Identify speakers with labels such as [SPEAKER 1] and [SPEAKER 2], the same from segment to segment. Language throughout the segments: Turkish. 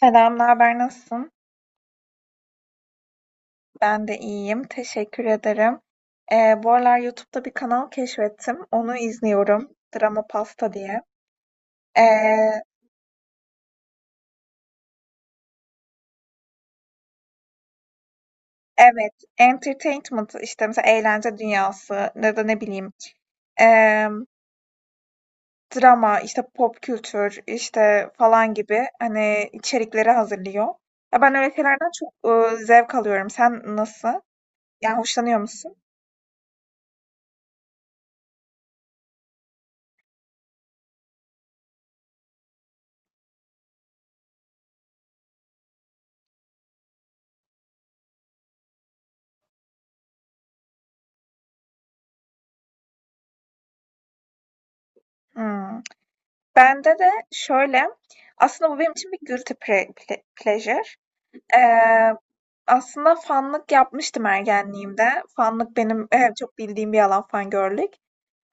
[SPEAKER 1] Selam, ne haber, nasılsın? Ben de iyiyim, teşekkür ederim. Bu aralar YouTube'da bir kanal keşfettim, onu izliyorum. Drama Pasta diye. Ee, evet, entertainment işte mesela eğlence dünyası ya da ne bileyim ee, drama işte pop kültür işte falan gibi hani içerikleri hazırlıyor. Ya ben öyle şeylerden çok zevk alıyorum. Sen nasıl? Yani hoşlanıyor musun? Hmm. Bende de şöyle, aslında bu benim için bir guilty pleasure. Eee, aslında fanlık yapmıştım ergenliğimde. Fanlık benim çok bildiğim bir alan fangirllik.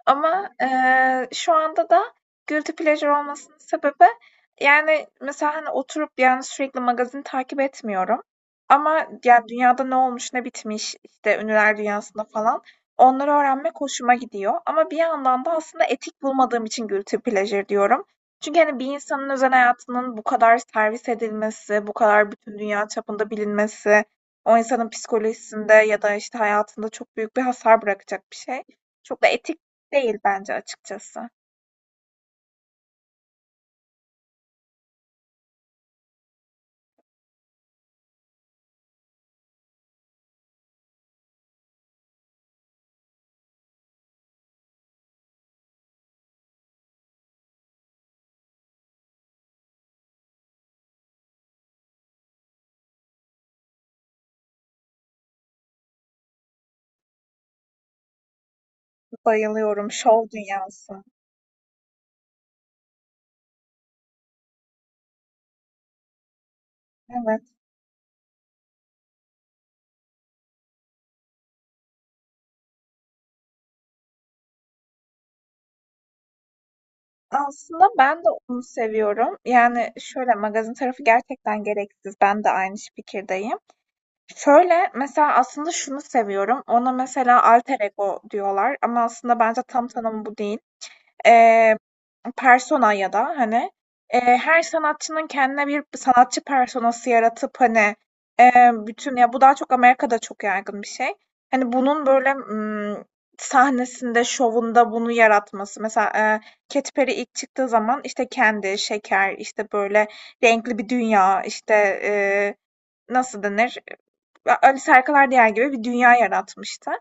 [SPEAKER 1] Ama, şu anda da guilty pleasure olmasının sebebi, yani, mesela, hani, oturup, yani, sürekli magazin takip etmiyorum ama, yani, dünyada ne olmuş, ne bitmiş, işte, ünlüler dünyasında falan, onları öğrenmek hoşuma gidiyor ama bir yandan da aslında etik bulmadığım için guilty pleasure diyorum. Çünkü, hani, bir insanın özel hayatının bu kadar servis edilmesi, bu kadar bütün dünya çapında bilinmesi, o insanın psikolojisinde ya da, işte, hayatında çok büyük bir hasar bırakacak bir şey. Çok da etik değil bence açıkçası. Bayılıyorum şov dünyasına. Evet. Aslında ben de onu seviyorum. Yani şöyle magazin tarafı gerçekten gereksiz. Ben de aynı fikirdeyim. Şöyle mesela aslında şunu seviyorum. Ona mesela alter ego diyorlar ama aslında bence tam tanımı bu değil. eee, persona ya da hani her sanatçının kendine bir sanatçı personası yaratıp hani bütün ya bu daha çok Amerika'da çok yaygın bir şey. Hani bunun böyle sahnesinde, şovunda bunu yaratması. Mesela Katy Perry ilk çıktığı zaman işte kendi, şeker, işte böyle renkli bir dünya, işte eee, nasıl denir? Alice Harikalar Diyar gibi bir dünya yaratmıştı.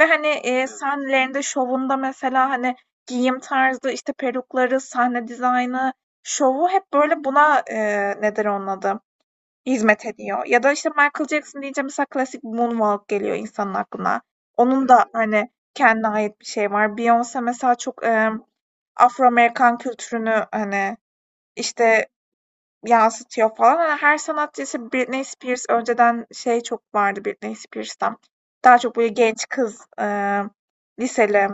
[SPEAKER 1] Ve hani sahnelerinde, şovunda mesela hani giyim tarzı, işte, perukları, sahne dizaynı, şovu hep böyle buna, nedir onun adı, hizmet ediyor. Ya da, işte, Michael Jackson deyince mesela klasik Moonwalk geliyor insanın aklına. Onun da, hani, kendine ait bir şey var. Beyoncé mesela çok, Afro Amerikan kültürünü, hani, işte, yansıtıyor falan. Hani, her sanatçı, işte, Britney Spears önceden şey çok vardı Britney Spears'tan. Daha çok böyle genç kız, liseli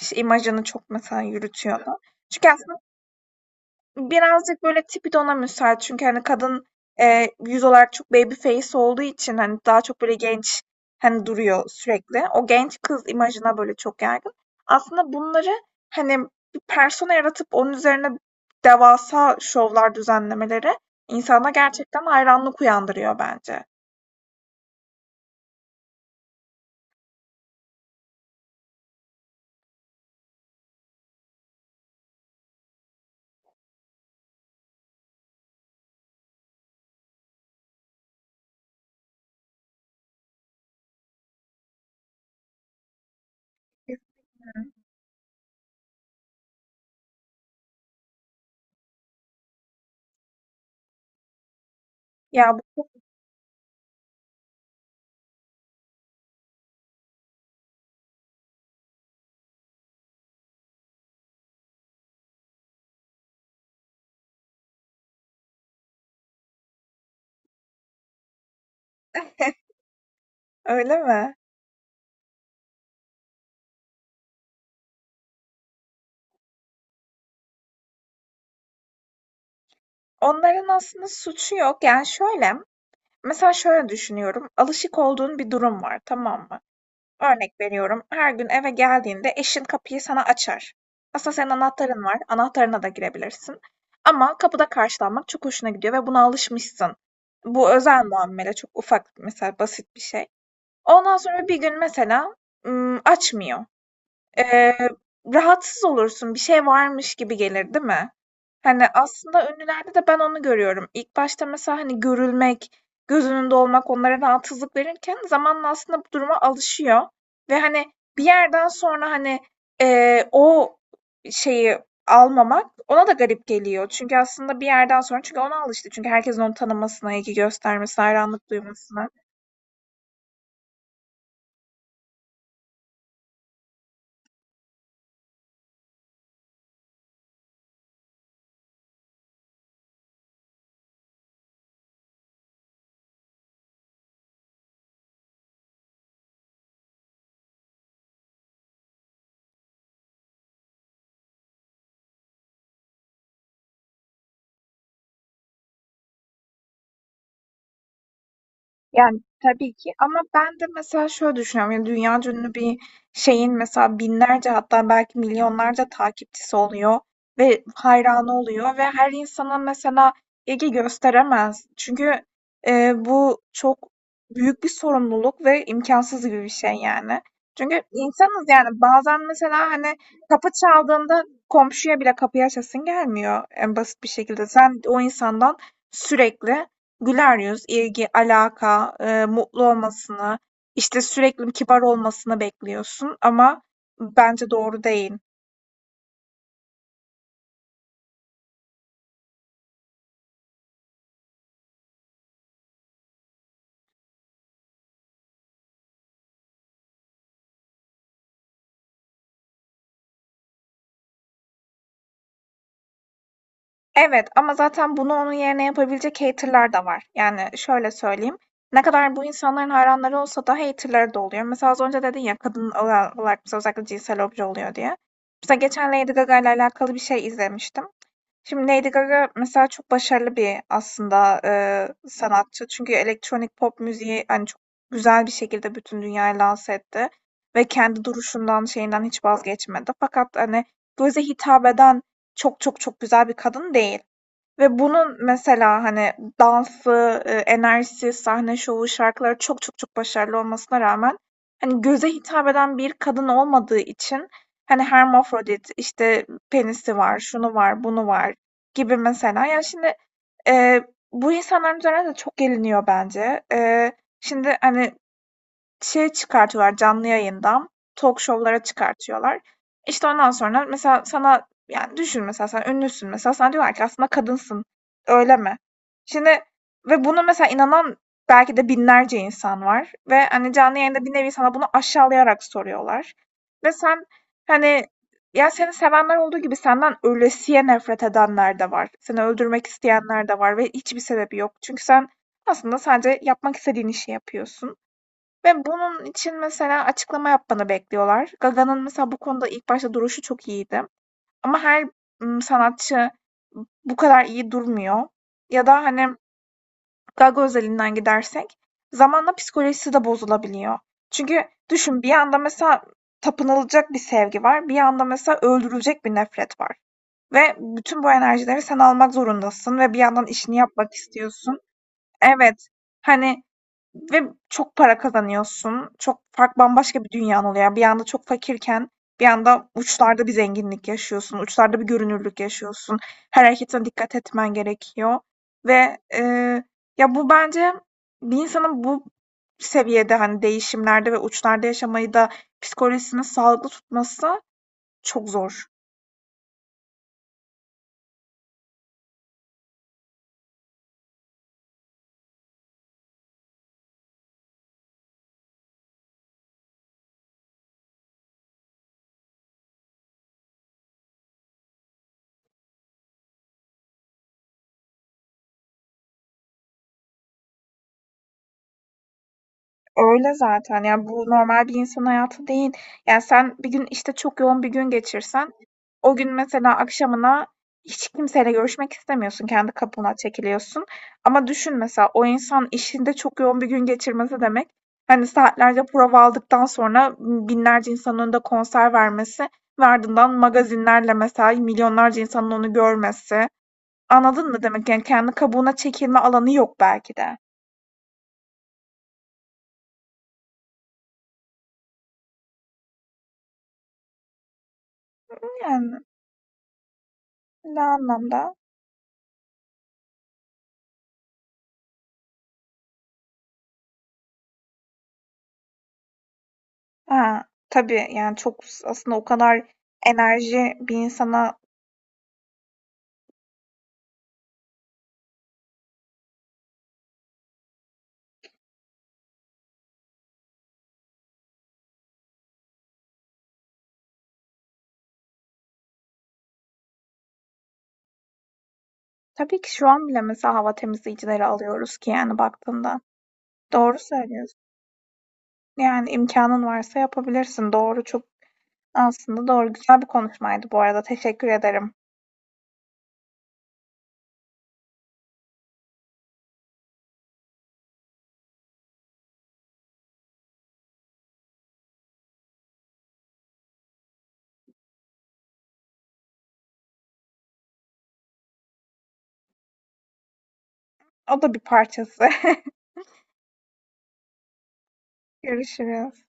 [SPEAKER 1] işte imajını çok mesela yürütüyordu. Çünkü aslında birazcık böyle tipi de ona müsait. Çünkü hani kadın yüz olarak çok baby face olduğu için hani daha çok böyle genç hani duruyor sürekli. O genç kız imajına böyle çok yaygın. Aslında bunları hani bir persona yaratıp onun üzerine devasa şovlar düzenlemeleri insana gerçekten hayranlık uyandırıyor bence. Ya öyle mi? Onların aslında suçu yok. Yani şöyle, mesela şöyle düşünüyorum. Alışık olduğun bir durum var, tamam mı? Örnek veriyorum, her gün eve geldiğinde eşin kapıyı sana açar. Aslında senin anahtarın var, anahtarına da girebilirsin. Ama kapıda karşılanmak çok hoşuna gidiyor ve buna alışmışsın. Bu özel muamele, çok ufak, mesela basit bir şey. Ondan sonra bir gün mesela açmıyor. Eee, rahatsız olursun, bir şey varmış gibi gelir, değil mi? Hani, aslında ünlülerde de ben onu görüyorum. İlk başta mesela, hani, görülmek, göz önünde olmak onlara rahatsızlık verirken zamanla aslında bu duruma alışıyor ve, hani, bir yerden sonra, hani, o şeyi almamak ona da garip geliyor. Çünkü aslında bir yerden sonra çünkü ona alıştı. Çünkü herkesin onu tanımasına, ilgi göstermesine, hayranlık duymasına. Yani tabii ki ama ben de mesela şöyle düşünüyorum. Yani dünya ünlü bir şeyin mesela binlerce hatta belki milyonlarca takipçisi oluyor ve hayranı oluyor ve her insana mesela ilgi gösteremez. Çünkü bu çok büyük bir sorumluluk ve imkansız gibi bir şey yani. Çünkü insanız yani bazen mesela hani kapı çaldığında komşuya bile kapıyı açasın gelmiyor en basit bir şekilde. Sen o insandan sürekli güler yüz, ilgi, alaka, mutlu olmasını, işte, sürekli kibar olmasını bekliyorsun ama bence doğru değil. Evet ama zaten bunu onun yerine yapabilecek hater'lar da var. Yani şöyle söyleyeyim, ne kadar bu insanların hayranları olsa da hater'ları da oluyor. Mesela az önce dedin ya, kadın olarak mesela özellikle cinsel obje oluyor diye. Mesela geçen Lady Gaga ile alakalı bir şey izlemiştim. Şimdi Lady Gaga mesela çok başarılı bir aslında sanatçı. Çünkü elektronik pop müziği hani çok güzel bir şekilde bütün dünyayı lanse etti. Ve kendi duruşundan şeyinden hiç vazgeçmedi. Fakat hani göze hitap eden çok çok çok güzel bir kadın değil. Ve bunun mesela, hani, dansı, enerjisi, sahne şovu, şarkıları çok çok çok başarılı olmasına rağmen, hani, göze hitap eden bir kadın olmadığı için, hani, hermafrodit, işte, penisi var, şunu var, bunu var gibi mesela. Ya, şimdi, eee, bu insanların üzerine de çok geliniyor bence. Şimdi, hani, şey çıkartıyorlar canlı yayından. Talk show'lara çıkartıyorlar. İşte ondan sonra mesela sana yani düşün mesela sen ünlüsün mesela sana diyorlar ki aslında kadınsın. Öyle mi? Şimdi ve bunu mesela inanan belki de binlerce insan var ve hani canlı yayında bir nevi sana bunu aşağılayarak soruyorlar. Ve sen hani ya seni sevenler olduğu gibi senden ölesiye nefret edenler de var. Seni öldürmek isteyenler de var ve hiçbir sebebi yok. Çünkü sen aslında sadece yapmak istediğin işi yapıyorsun. Ve bunun için mesela açıklama yapmanı bekliyorlar. Gaga'nın mesela bu konuda ilk başta duruşu çok iyiydi. Ama her sanatçı bu kadar iyi durmuyor. Ya da hani Gaga özelinden gidersek zamanla psikolojisi de bozulabiliyor. Çünkü düşün bir yanda mesela tapınılacak bir sevgi var. Bir yanda mesela öldürülecek bir nefret var. Ve bütün bu enerjileri sen almak zorundasın ve bir yandan işini yapmak istiyorsun. Evet. Hani ve çok para kazanıyorsun. Çok fark bambaşka bir dünyan oluyor. Yani bir anda çok fakirken bir anda uçlarda bir zenginlik yaşıyorsun. Uçlarda bir görünürlük yaşıyorsun. Her hareketine dikkat etmen gerekiyor ve, ya, bu bence bir insanın bu seviyede, hani, değişimlerde ve uçlarda yaşamayı da psikolojisini sağlıklı tutması çok zor. Öyle zaten. Yani, bu normal bir insan hayatı değil. Yani, sen bir gün, işte, çok yoğun bir gün geçirsen, o gün mesela akşamına hiç kimseyle görüşmek istemiyorsun, kendi kapına çekiliyorsun. Ama düşün mesela o insan işinde çok yoğun bir gün geçirmesi demek, hani, saatlerce prova aldıktan sonra binlerce insanın önünde konser vermesi ve ardından magazinlerle mesela milyonlarca insanın onu görmesi. Anladın mı demek? Yani, kendi kabuğuna çekilme alanı yok belki de. Yani, ne anlamda? Ha, tabii, yani, çok aslında o kadar enerji bir insana. Tabii ki şu an bile mesela hava temizleyicileri alıyoruz ki, yani, baktığında. Doğru söylüyorsun. Yani, imkanın varsa yapabilirsin. Doğru, çok aslında doğru. Güzel bir konuşmaydı bu arada. Teşekkür ederim. O da bir parçası. Görüşürüz.